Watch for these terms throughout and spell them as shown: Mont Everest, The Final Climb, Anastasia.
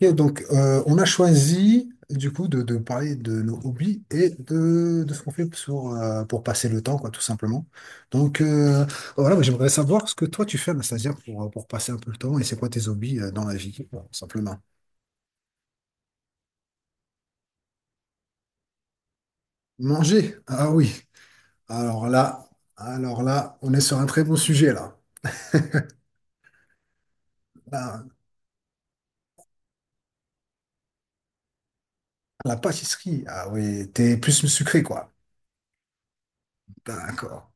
Ok, donc, on a choisi du coup de parler de nos hobbies et de ce qu'on fait pour passer le temps, quoi, tout simplement. Donc, voilà, moi, j'aimerais savoir ce que toi tu fais, Anastasia, pour passer un peu le temps et c'est quoi tes hobbies dans la vie, quoi, tout simplement. Manger, ah oui. Alors là, alors là, on est sur un très bon sujet là. Là, la pâtisserie, ah oui, t'es plus sucré, quoi. D'accord.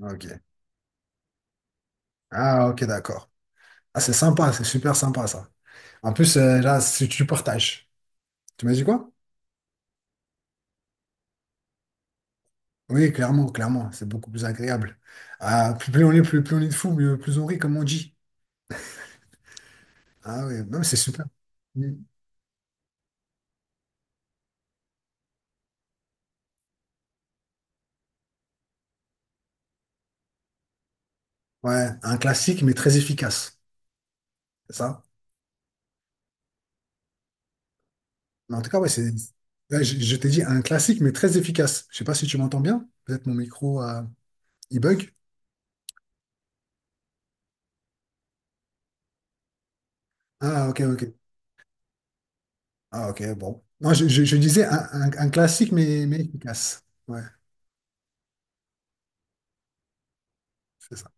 Ok. Ah ok, d'accord. Ah, c'est sympa, c'est super sympa ça. En plus, là, si tu partages, tu m'as dit quoi? Oui, clairement, clairement, c'est beaucoup plus agréable. Ah, plus, plus on est, plus, plus on est de fou, plus on rit, comme on dit. Ah oui, non, mais c'est super. Mm. Ouais, un classique, mais très efficace. C'est ça? Mais en tout cas, ouais, c'est. Là, je t'ai dit un classique, mais très efficace. Je sais pas si tu m'entends bien. Peut-être mon micro, il bug. Ah, ok, ok. Ah, ok, bon. Non, je disais un classique, mais efficace. Ouais, c'est ça.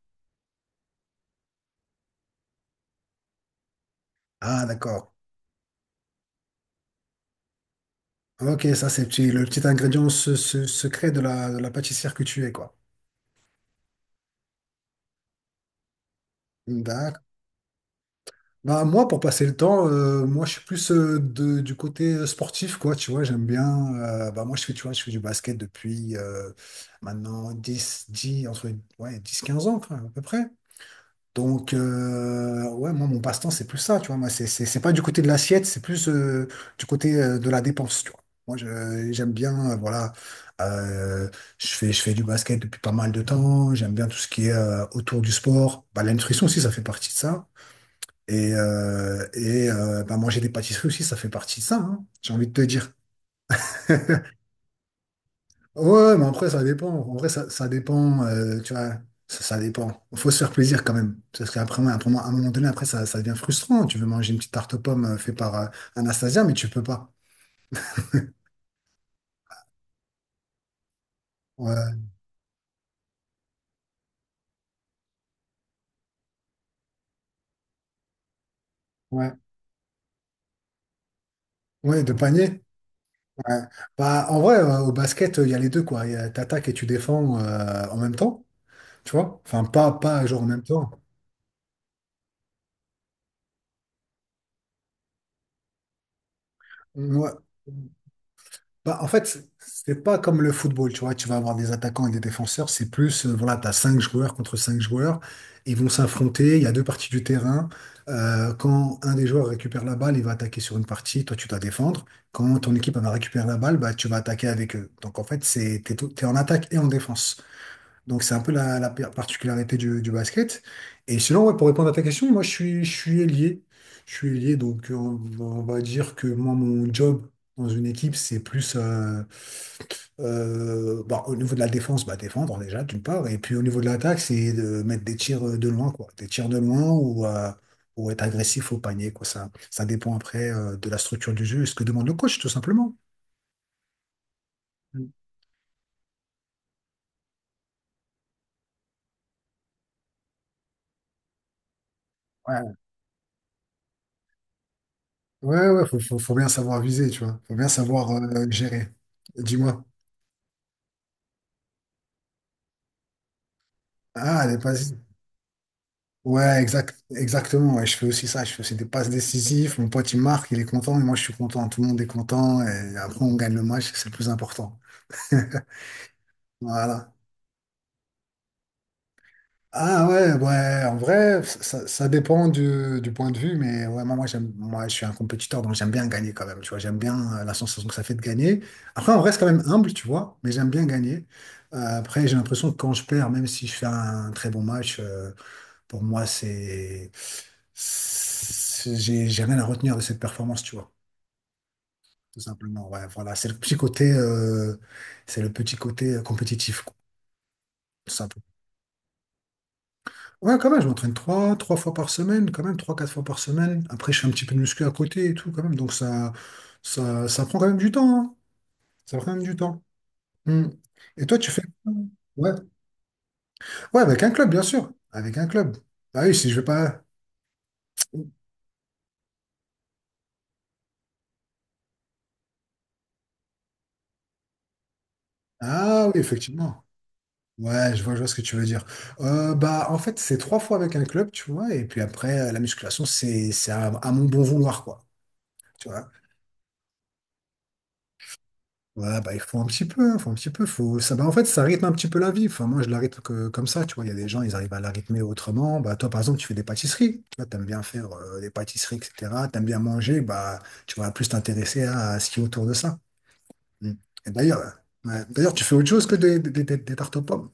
Ah, d'accord. Ok, ça c'est le petit ingrédient secret de la pâtissière que tu es, quoi. D'accord. Bah, moi, pour passer le temps, moi, je suis plus du côté sportif, quoi, tu vois, j'aime bien. Bah, moi, je fais, tu vois, je fais du basket depuis maintenant 10, 10 entre ouais, 10 15 ans, quoi, à peu près. Donc, ouais, moi, mon passe-temps, c'est plus ça, tu vois. Moi, c'est pas du côté de l'assiette, c'est plus du côté de la dépense, tu vois. Moi, j'aime bien, voilà, euh, je fais du basket depuis pas mal de temps. J'aime bien tout ce qui est autour du sport. Bah, la nutrition aussi, ça fait partie de ça. Et, bah, manger des pâtisseries aussi, ça fait partie de ça, hein, j'ai envie de te dire. Ouais, ouais, mais après, ça dépend. En vrai, ça dépend, tu vois, ça dépend. Faut se faire plaisir quand même. Parce qu'après, ouais, pour moi, à un moment donné, après, ça devient frustrant. Tu veux manger une petite tarte aux pommes faite par Anastasia, mais tu peux pas. Ouais, ouais, ouais, de panier. Ouais. Bah, en vrai, au basket, il y a les deux, quoi. T'attaques et tu défends en même temps, tu vois. Enfin, pas genre en même temps. Ouais. Bah, en fait, c'est pas comme le football, tu vois, tu vas avoir des attaquants et des défenseurs, c'est plus, voilà, t'as cinq joueurs contre cinq joueurs, ils vont s'affronter, il y a deux parties du terrain. Quand un des joueurs récupère la balle, il va attaquer sur une partie, toi tu dois défendre, quand ton équipe elle va récupérer la balle, bah, tu vas attaquer avec eux. Donc en fait, t'es en attaque et en défense. Donc c'est un peu la, particularité du basket. Et sinon, ouais, pour répondre à ta question, moi je suis ailier. Je suis ailier, donc, on va dire que moi, mon job dans une équipe, c'est plus bah, au niveau de la défense, bah, défendre déjà, d'une part. Et puis au niveau de l'attaque, c'est de mettre des tirs de loin, quoi. Des tirs de loin ou être agressif au panier, quoi. Ça dépend après de la structure du jeu et ce que demande le coach, tout simplement. Mm. Ouais. Ouais, ouais, faut bien savoir viser, tu vois. Faut bien savoir gérer. Dis-moi. Ah, les passes. Ouais, exactement. Ouais, je fais aussi ça. Je fais aussi des passes décisives. Mon pote, il marque, il est content, et moi, je suis content. Tout le monde est content. Et après, on gagne le match. C'est le plus important. Voilà. Ah ouais, ouais, en vrai, ça dépend du point de vue, mais ouais, moi, je suis un compétiteur, donc j'aime bien gagner quand même, tu vois, j'aime bien la sensation que ça fait de gagner. Après, on reste quand même humble, tu vois, mais j'aime bien gagner. Après, j'ai l'impression que quand je perds, même si je fais un très bon match, pour moi, j'ai rien à retenir de cette performance, tu vois, tout simplement. Ouais, voilà, c'est le petit côté, c'est le petit côté compétitif, quoi, tout simplement. Ouais, quand même, je m'entraîne trois fois par semaine, quand même, trois, quatre fois par semaine. Après, je fais un petit peu de muscu à côté et tout, quand même. Donc, ça prend quand même du temps, hein. Ça prend quand même du temps. Hmm. Et toi, tu fais... Ouais. Ouais, avec un club, bien sûr. Avec un club. Bah oui, si je vais pas... Ah oui, effectivement. Ouais, je vois ce que tu veux dire. Bah, en fait, c'est trois fois avec un club, tu vois, et puis après, la musculation, c'est à mon bon vouloir, quoi. Tu vois. Ouais, bah, il faut un petit peu, il faut un petit peu, faut... Ça, bah, en fait, ça rythme un petit peu la vie. Enfin, moi, je la rythme que, comme ça, tu vois. Il y a des gens, ils arrivent à la rythmer autrement. Bah, toi, par exemple, tu fais des pâtisseries. Tu vois, t'aimes bien faire des pâtisseries, etc. T'aimes bien manger, bah, tu vas plus t'intéresser à ce qui est autour de ça. Mm. Et d'ailleurs, ouais, d'ailleurs, tu fais autre chose que des tartes aux pommes.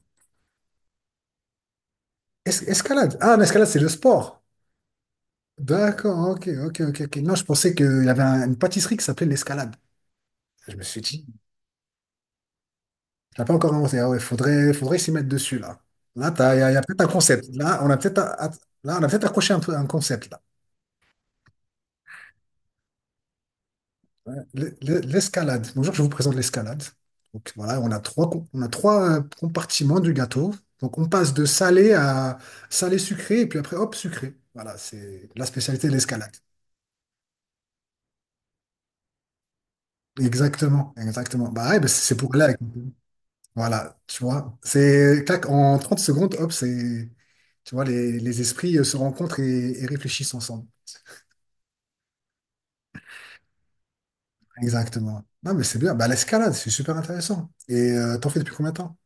Escalade. Ah, l'escalade, c'est le sport. D'accord, ok, ok, ok, ok. Non, je pensais qu'il y avait une pâtisserie qui s'appelait l'escalade. Je me suis dit, tu l'as pas encore annoncé. Ah ouais, faudrait s'y mettre dessus, là. Là, il y a peut-être un concept. Là, a- on a peut-être accroché un peu un concept, là. Ouais. L'escalade. Bonjour, je vous présente l'escalade. Donc voilà, on a trois compartiments du gâteau. Donc on passe de salé à salé sucré, et puis après, hop, sucré. Voilà, c'est la spécialité de l'escalade. Exactement, exactement. Bah ouais, bah, c'est pour là. Voilà, tu vois, c'est clac, en 30 secondes, hop, c'est, tu vois, les esprits se rencontrent et réfléchissent ensemble. Exactement. Non, mais c'est bien. Bah, l'escalade, c'est super intéressant. Et t'en fais depuis combien de temps?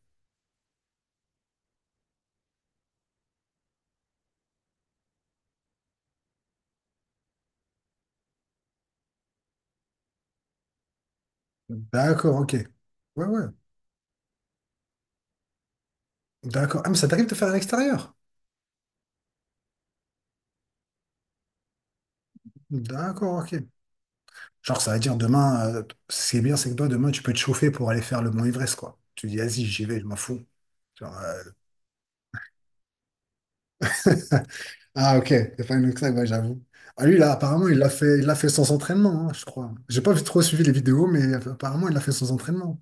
D'accord, ok. Ouais, ouais. D'accord. Ah, mais ça t'arrive de faire à l'extérieur? D'accord, ok. Genre, ça veut dire demain, ce qui est bien, c'est que toi, demain, tu peux te chauffer pour aller faire le Mont Everest, quoi. Tu dis, vas-y, j'y vais, je m'en fous. Genre, euh, ah, ok, The Final Climb, ouais, j'avoue. Ah, lui, là, apparemment, il l'a fait sans entraînement, hein, je crois. J'ai pas trop suivi les vidéos, mais apparemment, il l'a fait sans entraînement.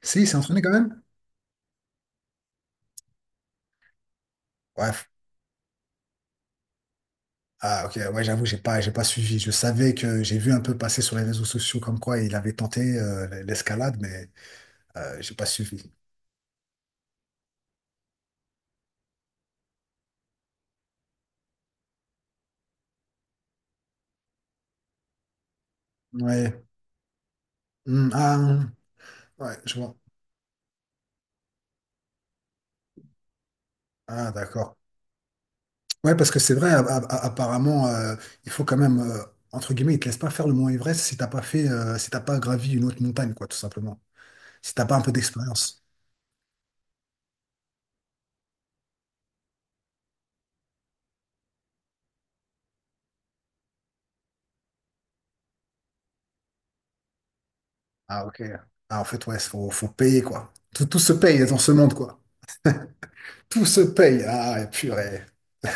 Si, il s'est entraîné quand même? Ouais. Ah, ok, ouais, j'avoue, j'ai pas suivi. Je savais que j'ai vu un peu passer sur les réseaux sociaux comme quoi il avait tenté l'escalade, mais j'ai pas suivi. Ouais. Hmm, ah, hmm. Ouais, je vois. Ah, d'accord. Ouais, parce que c'est vrai, apparemment, il faut quand même, entre guillemets, ils te laissent pas faire le Mont Everest si t'as pas fait, si t'as pas gravi une autre montagne, quoi, tout simplement. Si t'as pas un peu d'expérience. Ah, ok. Ah, en fait, ouais, faut payer, quoi. Tout se paye dans ce monde, quoi. Tout se paye. Ah, ouais, purée.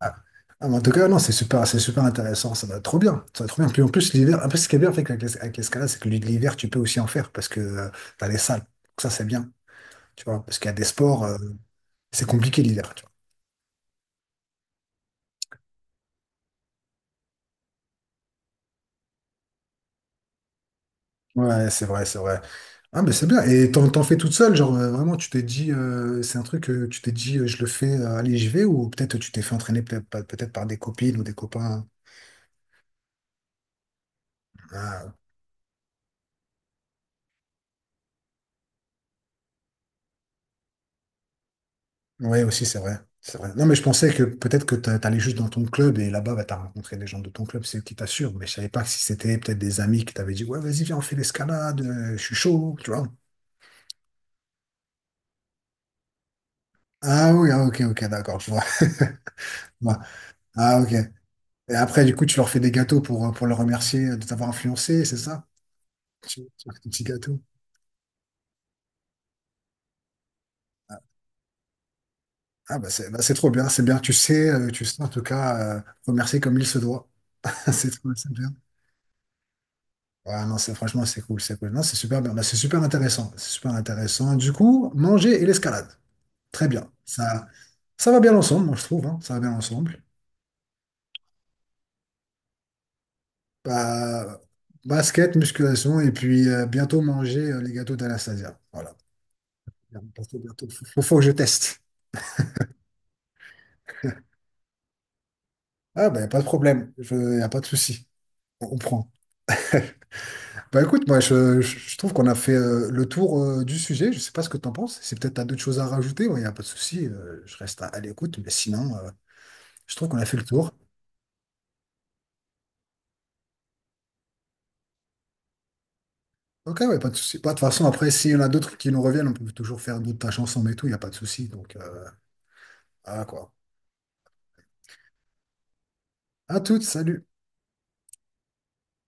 Ah, Ah, mais en tout cas, non, c'est super intéressant. Ça va être trop bien. Ça va être trop bien. Puis en plus, l'hiver, un peu ce qui est bien avec avec l'escalade, c'est que l'hiver, tu peux aussi en faire parce que tu as les salles. Donc ça, c'est bien. Tu vois, parce qu'il y a des sports, c'est compliqué l'hiver. Ouais, c'est vrai, c'est vrai. Ah, mais c'est bien. Et t'en fais toute seule, genre vraiment, tu t'es dit, c'est un truc que tu t'es dit, je le fais, allez, j'y vais, ou peut-être tu t'es fait entraîner peut-être par des copines ou des copains. Ah, ouais, aussi, c'est vrai. C'est vrai. Non, mais je pensais que peut-être que t'allais juste dans ton club et là-bas, bah, t'as rencontré des gens de ton club, c'est eux qui t'assurent. Mais je savais pas si c'était peut-être des amis qui t'avaient dit, ouais, vas-y, viens, on fait l'escalade, je suis chaud, tu vois. Ah oui, ah, ok, ok, d'accord, je vois. Ah ok, et après, du coup, tu leur fais des gâteaux pour les remercier de t'avoir influencé, c'est ça? Tu leur fais des petits gâteaux. Ah bah c'est trop bien, c'est bien. Tu sais, tu sais en tout cas remercier comme il se doit. C'est bien. Ouais, non, c'est franchement c'est cool. Non, c'est super bien. Bah, c'est super intéressant. C'est super intéressant. Du coup, manger et l'escalade. Très bien. Ça va bien ensemble, moi je trouve, hein. Ça va bien ensemble. Bah, basket, musculation, et puis bientôt manger les gâteaux d'Anastasia. Voilà. Bientôt, bientôt. Faut que je teste. Ah, ben, pas de problème. Y a pas de souci. On prend. Bah, écoute, moi, je trouve qu'on a fait le tour du sujet. Je sais pas ce que t'en penses. Si peut-être t'as d'autres choses à rajouter, il n'y a pas de souci. Je reste à l'écoute. Mais sinon, je trouve qu'on a fait le tour. Ok, ouais, pas de souci. Bah, de toute façon, après, s'il y en a d'autres qui nous reviennent, on peut toujours faire d'autres tâches ensemble et tout. Il n'y a pas de souci. Donc, voilà, quoi. À toutes, salut.